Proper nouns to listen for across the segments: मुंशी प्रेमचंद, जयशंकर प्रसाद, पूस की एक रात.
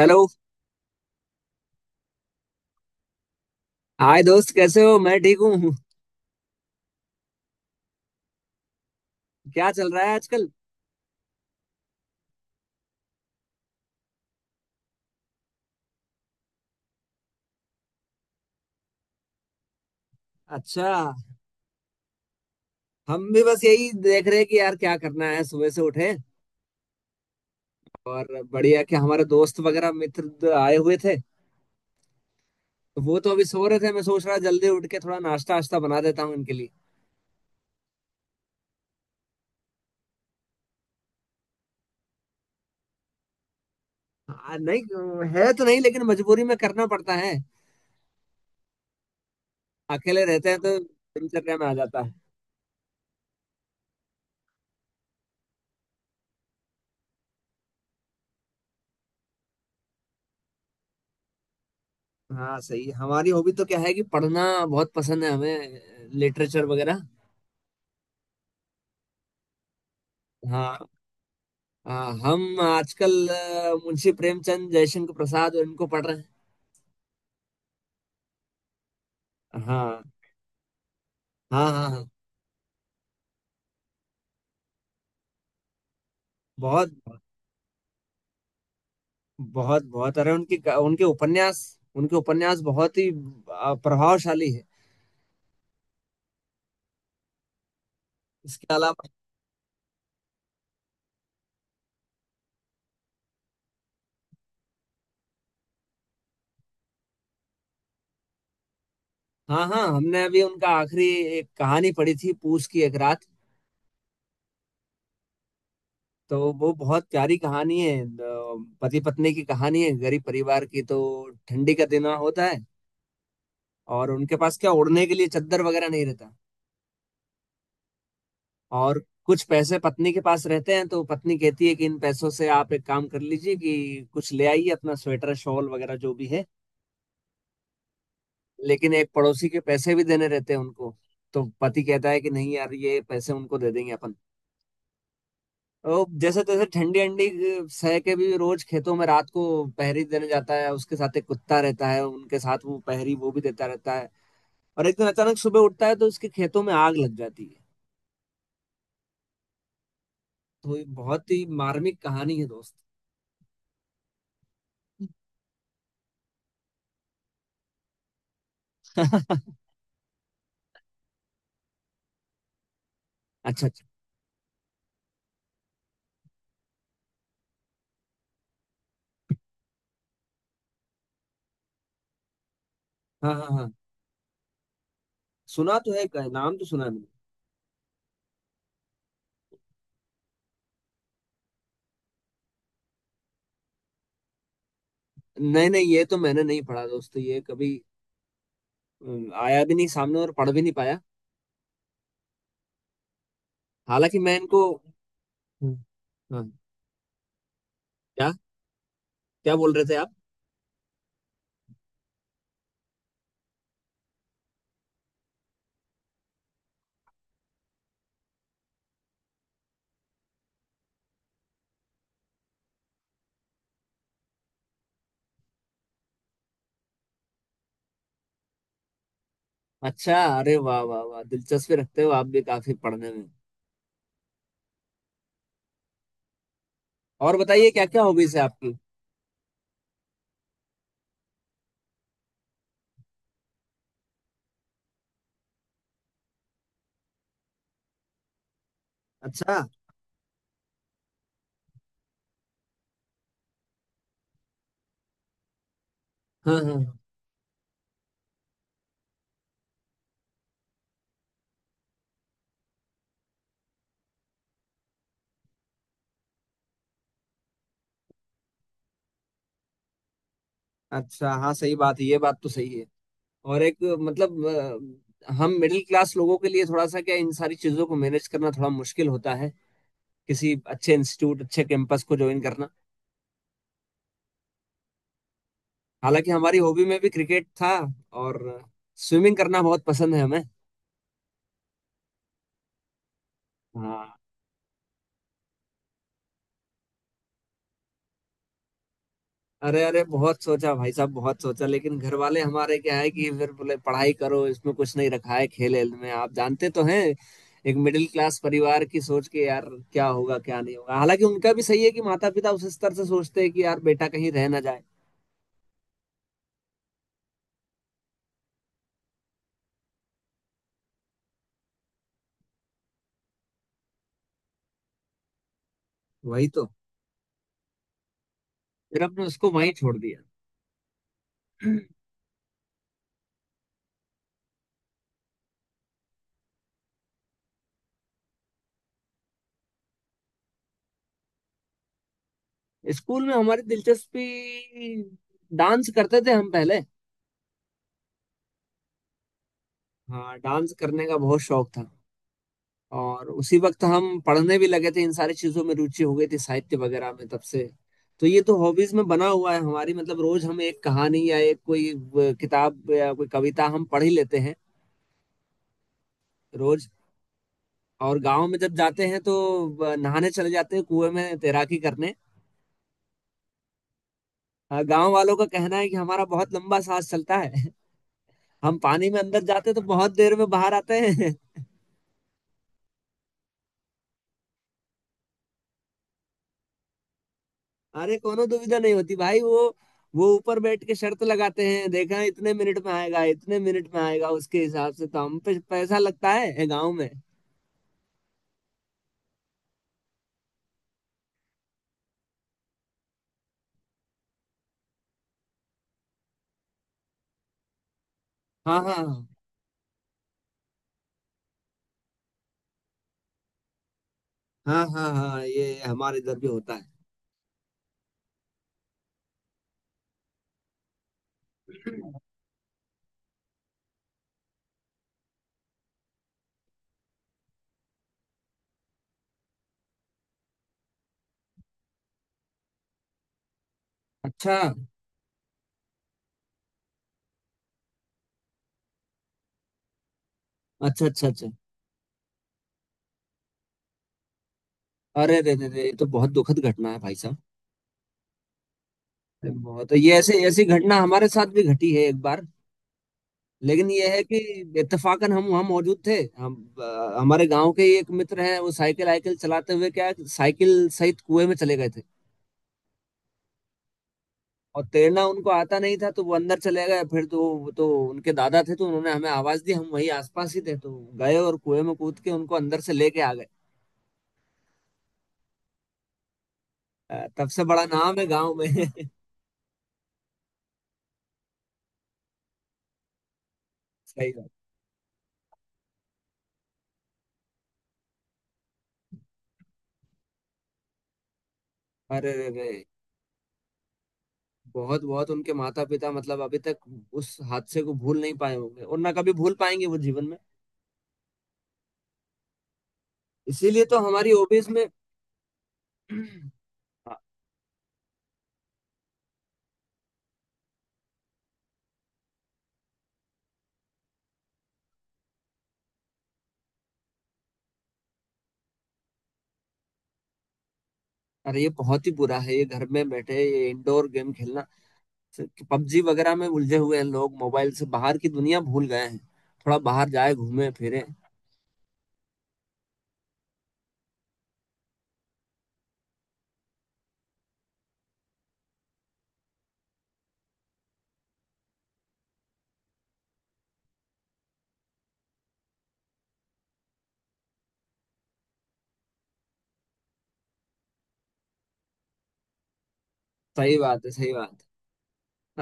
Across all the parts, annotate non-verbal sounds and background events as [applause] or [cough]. Hello. Hi दोस्त, कैसे हो? मैं ठीक हूँ। क्या चल रहा है आजकल? अच्छा। हम भी बस यही देख रहे हैं कि यार क्या करना है, सुबह से उठे। और बढ़िया कि हमारे दोस्त वगैरह मित्र आए हुए थे। तो वो तो अभी सो रहे थे, मैं सोच रहा जल्दी उठ के थोड़ा नाश्ता वाश्ता बना देता हूँ इनके लिए। हाँ नहीं, है तो नहीं लेकिन मजबूरी में करना पड़ता है। अकेले रहते हैं तो दिनचर्या में आ जाता है। हाँ सही, हमारी हॉबी तो क्या है कि पढ़ना बहुत पसंद है हमें, लिटरेचर वगैरह। हाँ हाँ, हम आजकल मुंशी प्रेमचंद, जयशंकर प्रसाद और इनको पढ़ रहे हैं। हाँ हाँ हाँ हाँ। बहुत बहुत बहुत, अरे उनकी उनके उपन्यास, उनके उपन्यास बहुत ही प्रभावशाली है। इसके अलावा। हाँ हाँ, हमने अभी उनका आखिरी एक कहानी पढ़ी थी, पूस की एक रात। तो वो बहुत प्यारी कहानी है। पति पत्नी की कहानी है, गरीब परिवार की। तो ठंडी का दिन होता है और उनके पास क्या ओढ़ने के लिए चद्दर वगैरह नहीं रहता। और कुछ पैसे पत्नी के पास रहते हैं तो पत्नी कहती है कि इन पैसों से आप एक काम कर लीजिए कि कुछ ले आइए अपना स्वेटर शॉल वगैरह जो भी है। लेकिन एक पड़ोसी के पैसे भी देने रहते हैं उनको। तो पति कहता है कि नहीं यार, ये पैसे उनको दे देंगे अपन। तो जैसे तैसे ठंडी अंडी सह के भी रोज खेतों में रात को पहरी देने जाता है, उसके साथ एक कुत्ता रहता है, उनके साथ वो पहरी वो भी देता रहता है। और एक दिन अचानक सुबह उठता है तो उसके खेतों में आग लग जाती है। तो ये बहुत ही मार्मिक कहानी है दोस्त। [laughs] अच्छा अच्छा। हाँ हाँ हाँ, सुना तो है, नाम तो सुना है मैंने। नहीं नहीं, ये तो मैंने नहीं पढ़ा दोस्तों, ये कभी आया भी नहीं सामने और पढ़ भी नहीं पाया। हालांकि मैं इनको। हम्म। हाँ। क्या? क्या बोल रहे थे आप? अच्छा, अरे वाह वाह वाह, दिलचस्पी रखते हो आप भी काफी पढ़ने में। और बताइए क्या क्या हॉबीज है आपकी? अच्छा हाँ हाँ। अच्छा हाँ, सही बात है, ये बात तो सही है। और एक मतलब हम मिडिल क्लास लोगों के लिए थोड़ा सा क्या इन सारी चीजों को मैनेज करना थोड़ा मुश्किल होता है। किसी अच्छे इंस्टीट्यूट अच्छे कैंपस को ज्वाइन करना। हालांकि हमारी हॉबी में भी क्रिकेट था। और स्विमिंग करना बहुत पसंद है हमें। हाँ। अरे अरे बहुत सोचा भाई साहब, बहुत सोचा, लेकिन घर वाले हमारे क्या है कि फिर बोले पढ़ाई करो, इसमें कुछ नहीं रखा है, खेल वेल में आप जानते तो हैं, एक मिडिल क्लास परिवार की सोच के यार। क्या होगा क्या नहीं होगा। हालांकि उनका भी सही है, कि माता पिता उस स्तर से सोचते हैं कि यार बेटा कहीं रह ना जाए। वही तो। फिर हमने उसको वहीं छोड़ दिया। [clears throat] स्कूल में हमारी दिलचस्पी, डांस करते थे हम पहले। हाँ, डांस करने का बहुत शौक था। और उसी वक्त हम पढ़ने भी लगे थे, इन सारी चीजों में रुचि हो गई थी साहित्य वगैरह में तब से। तो ये तो हॉबीज में बना हुआ है हमारी, मतलब रोज हम एक कहानी या एक कोई किताब या कोई कविता हम पढ़ ही लेते हैं रोज। और गांव में जब जाते हैं तो नहाने चले जाते हैं कुएं में तैराकी करने। गांव वालों का कहना है कि हमारा बहुत लंबा सांस चलता है। [laughs] हम पानी में अंदर जाते हैं तो बहुत देर में बाहर आते हैं। अरे कोनो दुविधा नहीं होती भाई, वो ऊपर बैठ के शर्त लगाते हैं, देखा इतने मिनट में आएगा इतने मिनट में आएगा, उसके हिसाब से तो हम पे पैसा लगता है गांव में। हाँ हाँ हाँ हाँ। हाँ हाँ, ये हमारे इधर भी होता है। अच्छा अच्छा अच्छा। अच्छा। अरे रे रे रे, ये तो बहुत दुखद घटना है भाई साहब। ये बहुत, ये ऐसे ऐसी घटना हमारे साथ भी घटी है एक बार। लेकिन ये है कि इत्तेफाकन हम वहाँ मौजूद थे हम। हमारे गांव के ही एक मित्र हैं, वो साइकिल आइकिल चलाते हुए क्या साइकिल सहित कुएं में चले गए थे। और तैरना उनको आता नहीं था तो वो अंदर चले गए, फिर तो वो तो उनके दादा थे तो उन्होंने हमें आवाज दी, हम वहीं आसपास ही थे तो गए और कुएं में कूद के उनको अंदर से लेके आ गए। तब से बड़ा नाम है गांव में। [laughs] सही बात। अरे रे रे। बहुत बहुत, उनके माता पिता मतलब अभी तक उस हादसे को भूल नहीं पाए होंगे और ना कभी भूल पाएंगे वो जीवन में। इसीलिए तो हमारी हॉबीज में। [clears throat] अरे ये बहुत ही बुरा है, ये घर में बैठे ये इंडोर गेम खेलना, पबजी वगैरह में उलझे हुए हैं लोग, मोबाइल से बाहर की दुनिया भूल गए हैं। थोड़ा बाहर जाए घूमे फिरे। सही बात है सही बात है।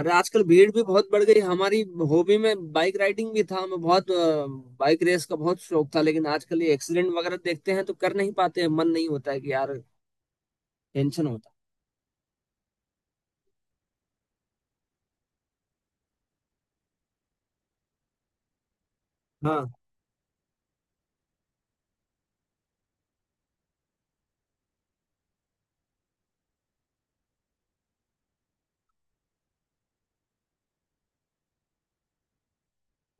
अरे आजकल भीड़ भी बहुत बढ़ गई। हमारी हॉबी में बाइक राइडिंग भी था, हमें बहुत बाइक रेस का बहुत शौक था, लेकिन आजकल ये एक्सीडेंट वगैरह देखते हैं तो कर नहीं पाते हैं, मन नहीं होता है कि यार टेंशन होता है। हाँ।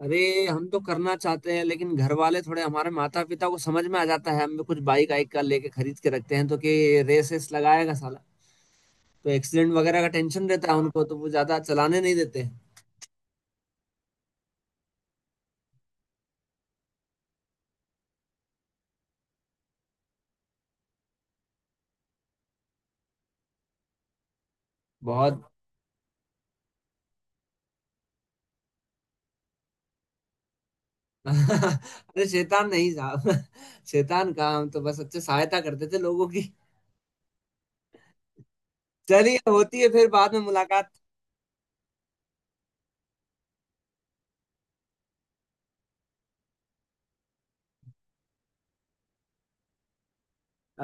अरे हम तो करना चाहते हैं लेकिन घर वाले, थोड़े हमारे माता पिता को समझ में आ जाता है हम भी कुछ बाइक आइक का लेके खरीद के रखते हैं तो कि रेस रेस लगाएगा साला, तो एक्सीडेंट वगैरह का टेंशन रहता है उनको, तो वो ज्यादा चलाने नहीं देते हैं। बहुत। [laughs] अरे शैतान नहीं साहब, [laughs] शैतान कहाँ, हम तो बस अच्छे सहायता करते थे लोगों की। चलिए, होती है फिर बाद में मुलाकात।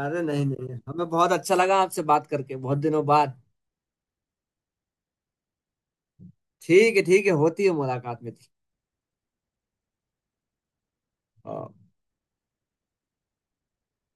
अरे नहीं नहीं, हमें बहुत अच्छा लगा आपसे बात करके बहुत दिनों बाद। ठीक है ठीक है, होती है मुलाकात मेरी। हाँ।